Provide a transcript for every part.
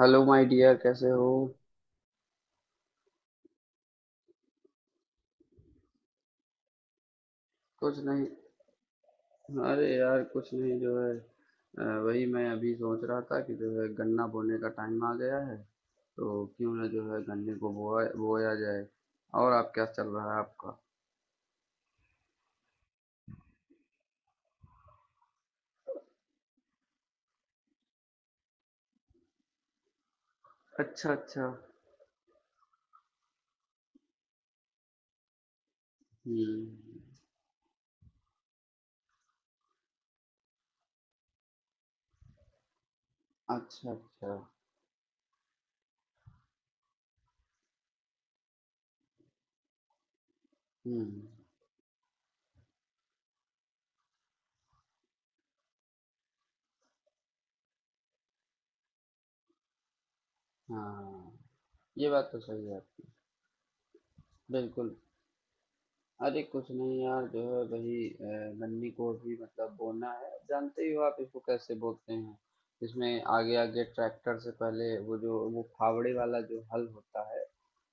Hello my dear, कैसे हो? कुछ नहीं। अरे यार, कुछ नहीं। जो है वही मैं अभी सोच रहा था कि जो है गन्ना बोने का टाइम आ गया है। तो क्यों ना जो है गन्ने को बोया बोया जाए। और आप? क्या चल रहा है आपका? अच्छा, अच्छा। हम्म। अच्छा, अच्छा। हम्म। हाँ, ये बात तो सही है। बिल्कुल। अरे कुछ नहीं यार, जो है वही। गन्ने को भी मतलब बोना है, जानते ही हो आप इसको कैसे बोलते हैं। इसमें आगे आगे ट्रैक्टर से पहले वो, जो वो फावड़े वाला जो हल होता है,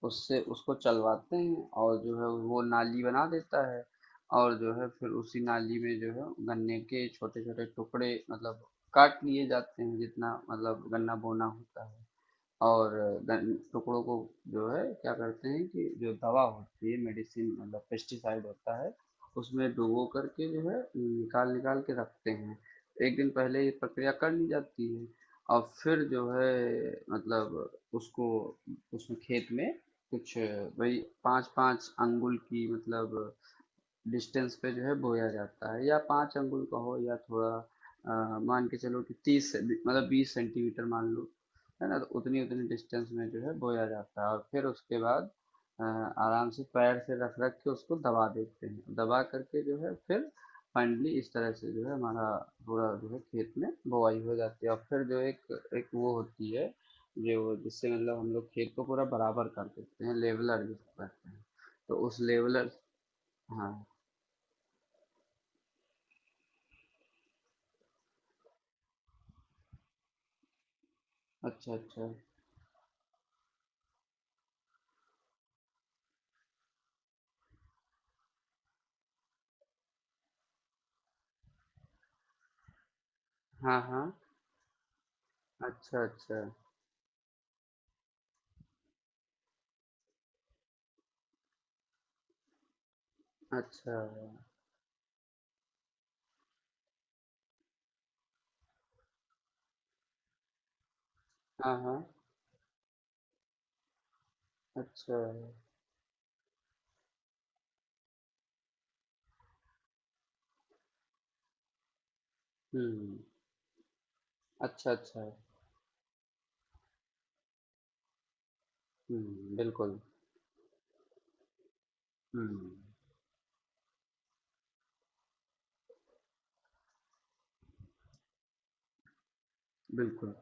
उससे उसको चलवाते हैं, और जो है वो नाली बना देता है। और जो है फिर उसी नाली में जो है गन्ने के छोटे छोटे टुकड़े मतलब काट लिए जाते हैं, जितना मतलब गन्ना बोना होता है। और टुकड़ों को जो है क्या करते हैं कि जो दवा होती है, मेडिसिन मतलब पेस्टिसाइड होता है, उसमें डुबो करके जो है निकाल निकाल के रखते हैं। एक दिन पहले ये प्रक्रिया कर ली जाती है। और फिर जो है मतलब उसको, उसमें खेत में कुछ वही पाँच पाँच अंगुल की मतलब डिस्टेंस पे जो है बोया जाता है। या 5 अंगुल का हो, या थोड़ा मान के चलो कि मतलब 20 सेंटीमीटर मान लो, है ना। तो उतनी उतनी डिस्टेंस में जो है बोया जाता है, और फिर उसके बाद आराम से पैर से रख रख के उसको दबा देते हैं। दबा करके जो है फिर फाइनली इस तरह से जो है हमारा पूरा जो है खेत में बोआई हो जाती है। और फिर जो एक एक वो होती है, जो जिससे मतलब हम लोग खेत को पूरा बराबर कर देते हैं, लेवलर जिसको कहते हैं। तो उस लेवलर। हाँ। अच्छा, अच्छा। हाँ, हाँ। अच्छा, अच्छा। अच्छा। हाँ, हाँ। अच्छा। हुँ। अच्छा, अच्छा। हुँ, बिल्कुल। हुँ, बिल्कुल।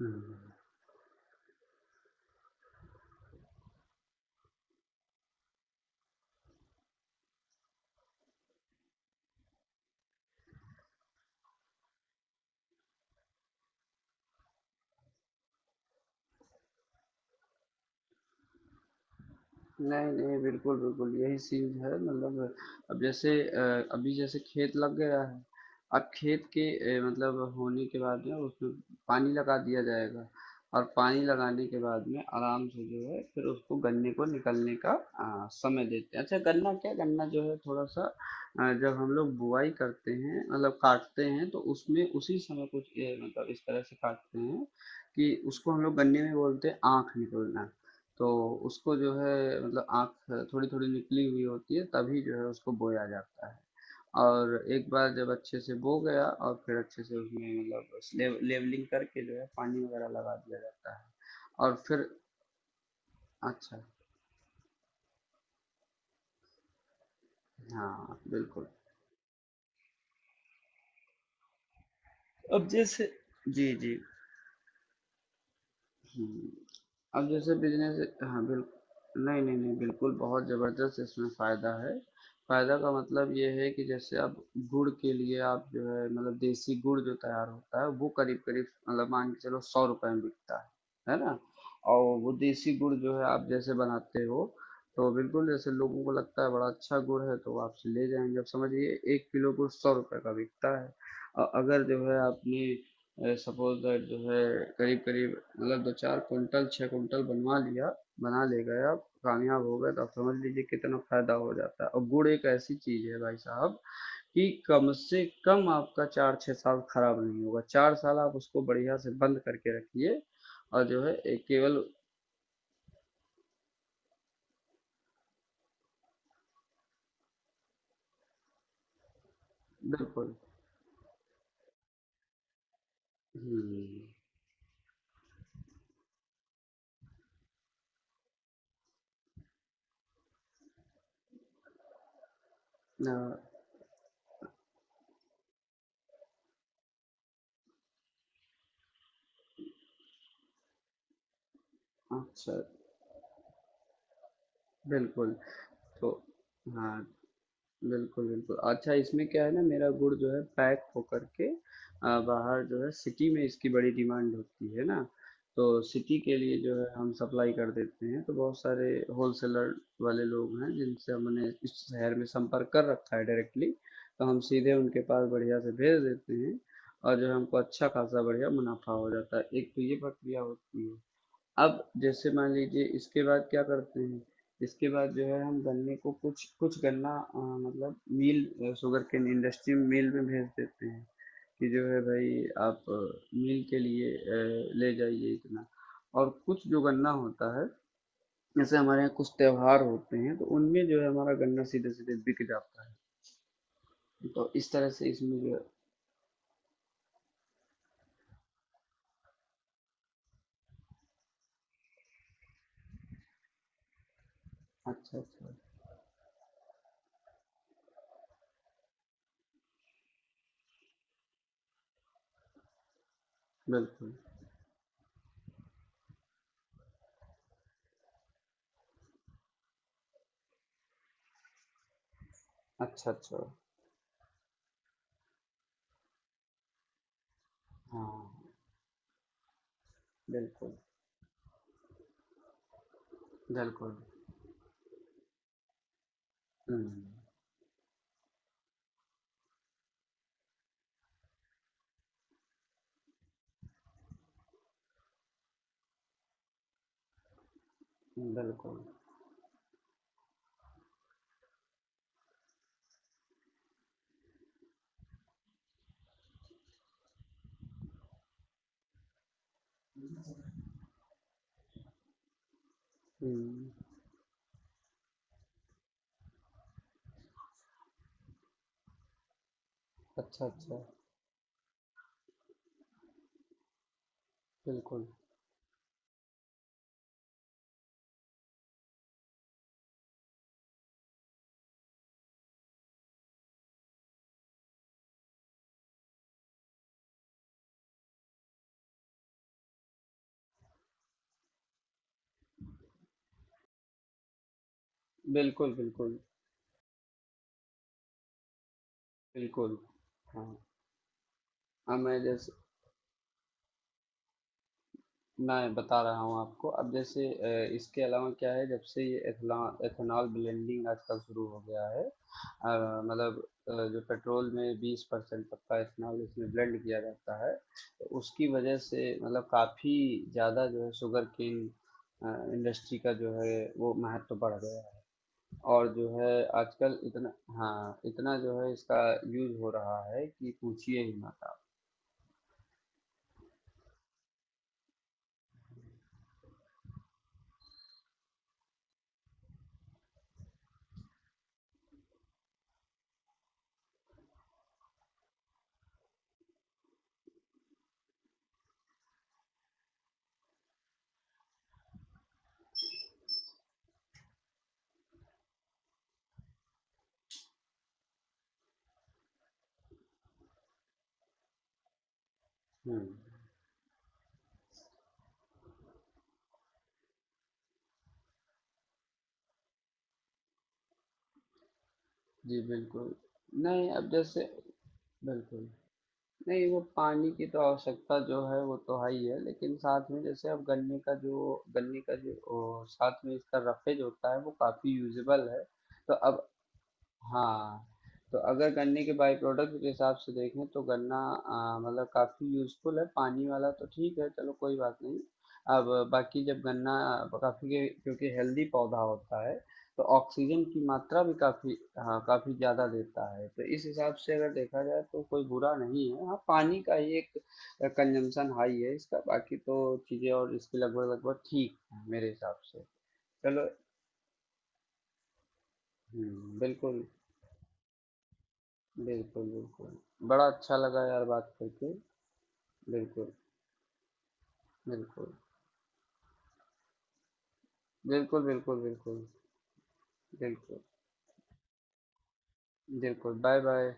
हुँ। नहीं, नहीं, बिल्कुल, बिल्कुल, यही चीज़ है मतलब। अब जैसे अभी जैसे खेत लग गया है, अब खेत के मतलब होने के बाद में उसमें पानी लगा दिया जाएगा। और पानी लगाने के बाद में आराम से जो है फिर उसको, गन्ने को निकलने का समय देते हैं। अच्छा गन्ना, क्या गन्ना जो है थोड़ा सा जब हम लोग बुआई करते हैं मतलब काटते हैं, तो उसमें उसी समय कुछ मतलब इस तरह से काटते हैं कि उसको हम लोग गन्ने में बोलते हैं आँख निकलना। तो उसको जो है मतलब आँख थोड़ी थोड़ी निकली हुई होती है, तभी जो है उसको बोया जाता है। और एक बार जब अच्छे से बो गया, और फिर अच्छे से उसमें मतलब लेवलिंग करके जो है पानी वगैरह लगा दिया जाता है। और फिर। अच्छा। हाँ, बिल्कुल। अब जैसे। जी, जी। हम्म, अब जैसे बिजनेस, हाँ बिल्कुल, नहीं नहीं नहीं, बिल्कुल बहुत ज़बरदस्त इसमें फ़ायदा है। फ़ायदा का मतलब ये है कि जैसे अब गुड़ के लिए आप जो है मतलब देसी गुड़ जो तैयार होता है, वो करीब करीब मतलब मान के चलो सौ रुपए में बिकता है ना। और वो देसी गुड़ जो है आप जैसे बनाते हो, तो बिल्कुल जैसे लोगों को लगता है बड़ा अच्छा गुड़ है, तो वो आपसे ले जाएंगे। अब समझिए एक किलो गुड़ सौ रुपए का बिकता है। और अगर जो है आपने सपोज दैट जो है करीब करीब मतलब दो चार कुंटल, छः कुंटल बनवा लिया, बना ले गए, आप कामयाब हो गए, तो आप समझ लीजिए कितना फायदा हो जाता है। और गुड़ एक ऐसी चीज है भाई साहब, कि कम से कम आपका चार छः साल खराब नहीं होगा। चार साल आप उसको बढ़िया से बंद करके रखिए। और जो है एक केवल। बिल्कुल। हम्म, आ, अच्छा। बिल्कुल। तो। हाँ। बिल्कुल, बिल्कुल। अच्छा, इसमें क्या है ना, मेरा गुड़ जो है पैक होकर के बाहर जो है सिटी में इसकी बड़ी डिमांड होती है ना, तो सिटी के लिए जो है हम सप्लाई कर देते हैं। तो बहुत सारे होलसेलर वाले लोग हैं जिनसे हमने इस शहर में संपर्क कर रखा है डायरेक्टली, तो हम सीधे उनके पास बढ़िया से भेज देते हैं। और जो है हमको अच्छा खासा बढ़िया मुनाफा हो जाता है। एक तो ये प्रक्रिया होती है। अब जैसे मान लीजिए इसके बाद क्या करते हैं, इसके बाद जो है हम गन्ने को, कुछ कुछ गन्ना मतलब mill, sugarcane industry mill में भेज देते हैं, कि जो है भाई आप मिल के लिए ले जाइए इतना। और कुछ जो गन्ना होता है, जैसे हमारे यहाँ कुछ त्योहार होते हैं, तो उनमें जो है हमारा गन्ना सीधे सीधे बिक जाता है। तो इस तरह से इसमें जो है। अच्छा, अच्छा। बिल्कुल। अच्छा, अच्छा। हाँ, बिल्कुल। बिल्कुल। हम्म। बिल्कुल। हुँ। अच्छा, अच्छा। बिल्कुल। बिल्कुल, बिल्कुल, बिल्कुल। हाँ, अब मैं जैसे मैं बता रहा हूँ आपको। अब जैसे इसके अलावा क्या है, जब से ये एथला एथेनॉल ब्लेंडिंग आजकल शुरू हो गया है, मतलब जो पेट्रोल में 20% तक का एथेनॉल इसमें ब्लेंड किया जाता है, तो उसकी वजह से मतलब काफ़ी ज़्यादा जो है शुगरकेन अ, इंडस्ट्री का जो है वो महत्व बढ़ गया है। और जो है आजकल इतना, हाँ, इतना जो है इसका यूज़ हो रहा है कि पूछिए ही मत आप। हुँ। जी, बिल्कुल। नहीं, अब जैसे। बिल्कुल। नहीं, वो पानी की तो आवश्यकता जो है वो तो है ही है, लेकिन साथ में जैसे अब गन्ने का जो, गन्ने का जो ओ साथ में इसका रफ़ेज होता है, वो काफ़ी यूज़ेबल है। तो अब। हाँ, तो अगर गन्ने के बाय प्रोडक्ट के हिसाब से देखें तो गन्ना मतलब काफ़ी यूज़फुल है। पानी वाला तो ठीक है, चलो कोई बात नहीं। अब बाकी जब गन्ना काफ़ी, क्योंकि हेल्दी पौधा होता है, तो ऑक्सीजन की मात्रा भी काफ़ी, हाँ, काफ़ी ज़्यादा देता है। तो इस हिसाब से अगर देखा जाए तो कोई बुरा नहीं है। हाँ, पानी का ही एक कंजम्पशन हाई है इसका, बाकी तो चीज़ें और इसकी लगभग लगभग ठीक है मेरे हिसाब से। चलो। बिल्कुल। बिल्कुल, बिल्कुल। बड़ा अच्छा लगा यार बात करके। बिल्कुल, बिल्कुल। बिल्कुल, बिल्कुल, बिल्कुल। बिल्कुल, बिल्कुल। बाय-बाय।